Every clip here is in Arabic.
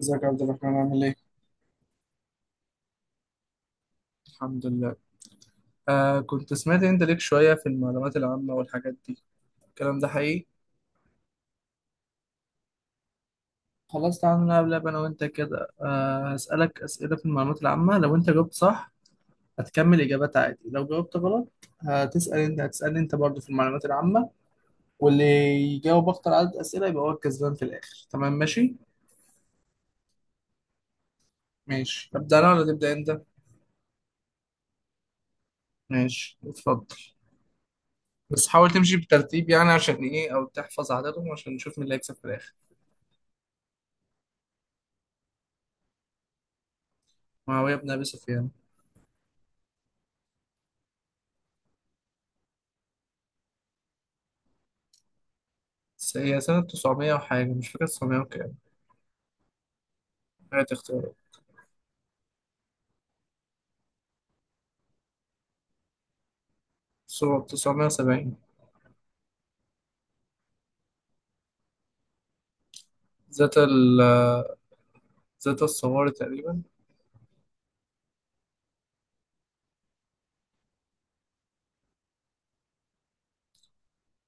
ازيك يا عبد الرحمن عامل ايه؟ الحمد لله. كنت سمعت انت ليك شوية في المعلومات العامة والحاجات دي، الكلام ده حقيقي؟ خلاص تعالى نلعب لعبة انا وانت كده، هسألك أسئلة في المعلومات العامة. لو انت جاوبت صح هتكمل إجابات عادي، لو جاوبت غلط هتسأل انت، هتسألني انت برضه في المعلومات العامة، واللي يجاوب أكتر عدد أسئلة يبقى هو الكسبان في الآخر. تمام ماشي؟ ماشي، أبدأ أنا ولا تبدأ انت؟ ماشي اتفضل. بس حاول تمشي بترتيب يعني عشان ايه او تحفظ عددهم عشان نشوف مين اللي هيكسب في الآخر. معاوية بن أبي سفيان. هي سنة 900 وحاجة، مش فاكر 900 وكام. هات اختيارات. صورة 970. ذات ال ذات الصواري تقريبا.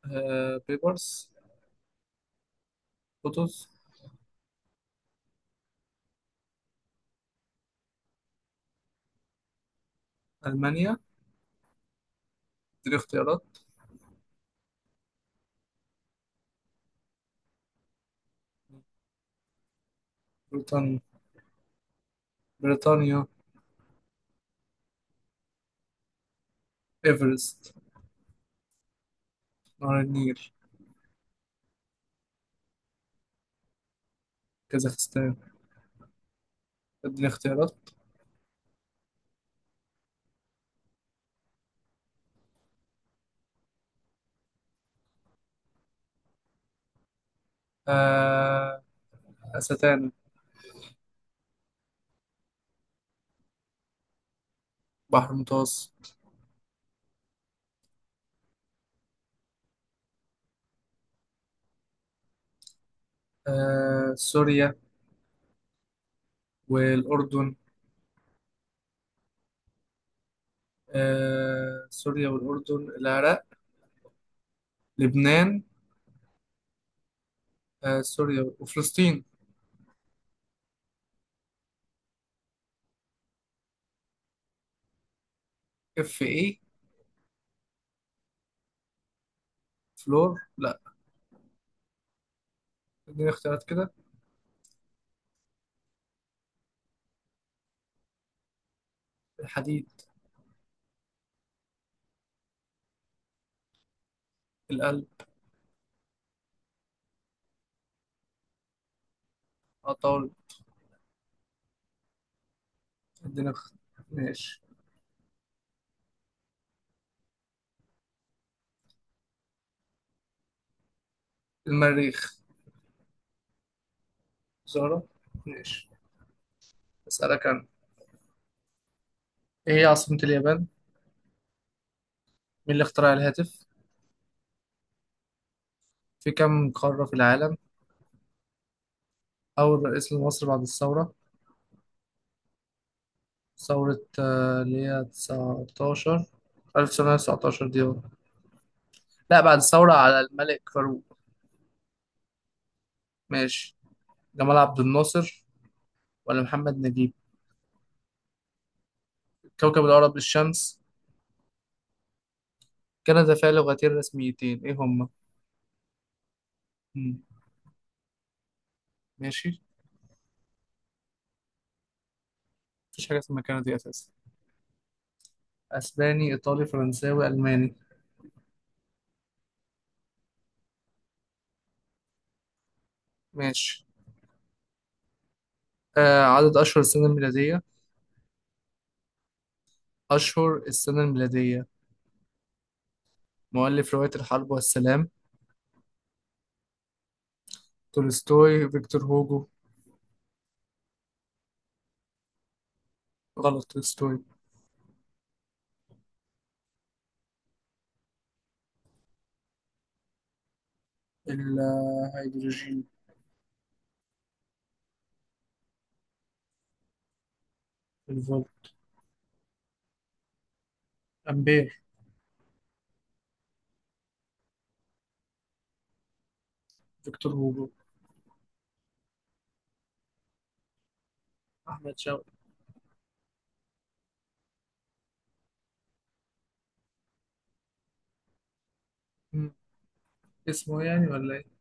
بيبرس. قطز. ألمانيا. دي اختيارات. بريطانيا. بريطانيا. إيفرست. نهر النيل. كازاخستان. اديني اختيارات. آه أستانا. بحر المتوسط. سوريا والأردن. العراق. لبنان. سوريا وفلسطين. اف ايه. فلور، لا. اديني اختيارات كده. الحديد. القلب. عطارد. اديني اخت... ماشي. المريخ. زهرة. ماشي، اسألك انا. ايه هي عاصمة اليابان مين؟ اللي اخترع الهاتف؟ في كم قارة في العالم؟ اول رئيس لمصر بعد الثورة؟ ثورة اللي هي 19 1919 دي هو. لا، بعد الثورة على الملك فاروق. ماشي، جمال عبد الناصر ولا محمد نجيب؟ كوكب الأرض الشمس. كندا فيها لغتين رسميتين، ايه هما؟ مم. ماشي. مفيش حاجة اسمها كندي أساسا. اسباني، ايطالي، فرنساوي، الماني. ماشي. عدد اشهر السنه الميلاديه. اشهر السنه الميلاديه مؤلف روايه الحرب والسلام. تولستوي، فيكتور هوجو. غلط، تولستوي. الهيدروجين. الفولت. أمبير. فيكتور هوجو. أحمد شوقي. مم. اسمه يعني ولا ايه؟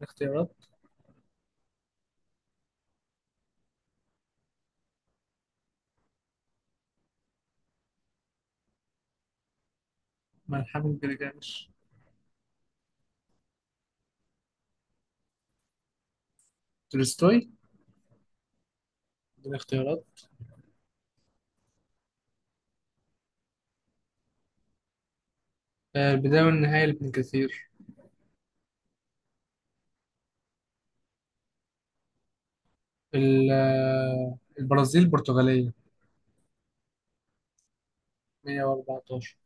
الاختيارات. ملحمة جلجامش. تولستوي. دي الاختيارات. البدايه والنهايه لابن كثير. البرازيل، البرتغاليه. 114.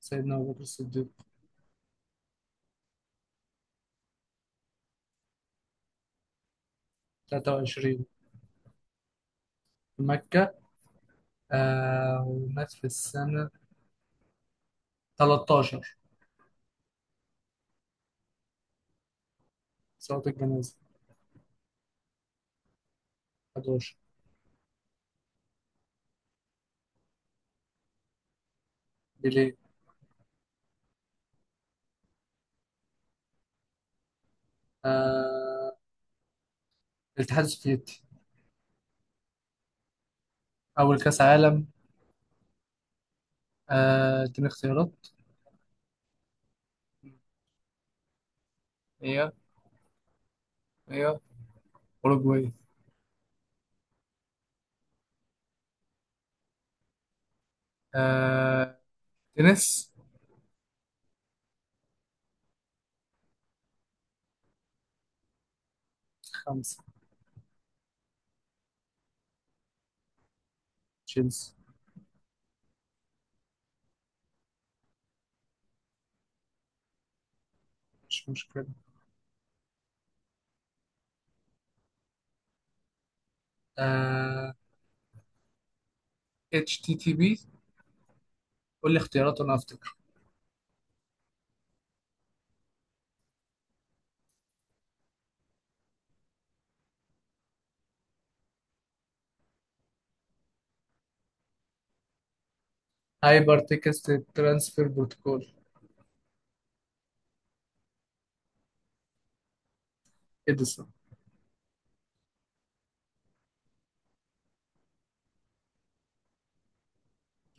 سيدنا أبو بكر الصديق. 23. في مكة. ومات في السنة 13. صلاة الجنازة. 11. بليه. آه الاتحاد السوفيتي. أول كأس عالم. اديني اختيارات. هي هي أوروجواي. آه تنس. خمسة. تشيلسي. مش مشكلة. آه اتش تي تي بي. قول لي اختيارات وأنا أفتكر. هايبر تكست ترانسفير بروتوكول. إديسون.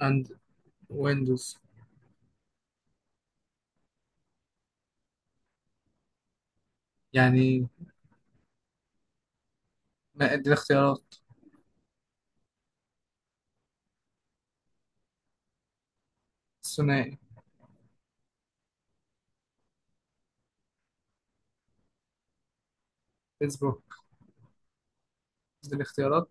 أند، ويندوز. يعني، ما اديني اختيارات. ثنائي. فيسبوك. دي الاختيارات.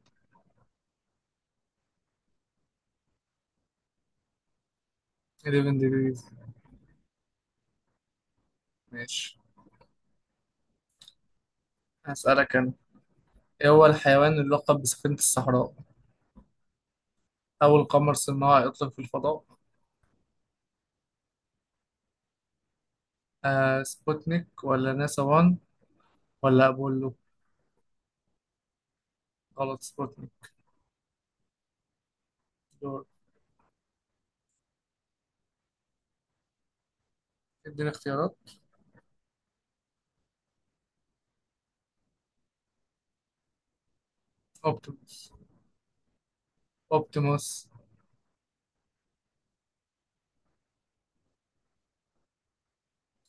11 ديجريز. ماشي، هسألك أنا. إيه هو الحيوان اللي لقب بسفينة الصحراء؟ أول قمر صناعي أطلق في الفضاء؟ سبوتنيك ولا ناسا 1 ولا أبولو؟ غلط، سبوتنيك. دور. اديني اختيارات. أوبتيموس. أوبتيموس.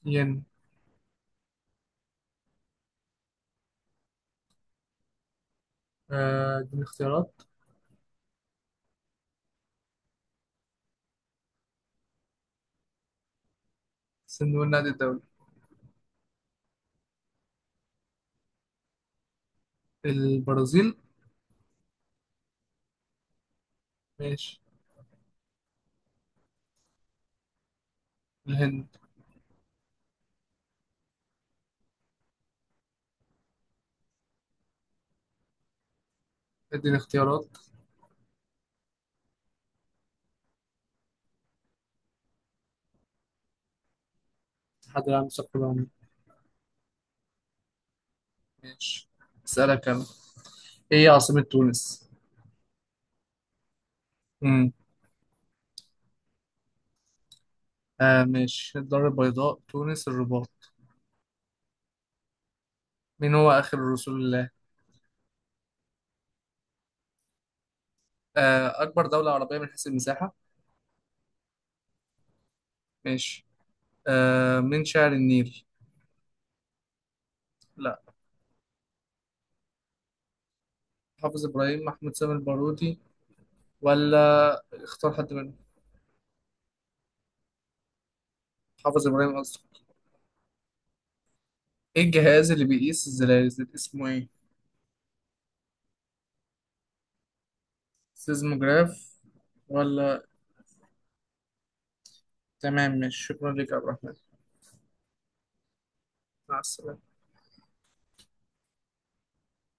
ين. اديني اختيارات. صندوق النقد الدولي. البرازيل. ماشي. الهند. اديني اختيارات. الاتحاد العام للثقافة العامة. ماشي، أسألك أنا. إيه هي عاصمة تونس؟ مش الدار البيضاء، تونس، الرباط. مين هو آخر رسول الله؟ أكبر دولة عربية من حيث المساحة. ماشي. من شاعر النيل؟ لا. حافظ إبراهيم، محمود سامي البارودي، ولا اختار حد منهم. حافظ إبراهيم أصلا. إيه الجهاز اللي بيقيس الزلازل اسمه إيه؟ سيزموجراف ولا تمام. مش شكرا لك يا عبد الرحمن، مع السلامة.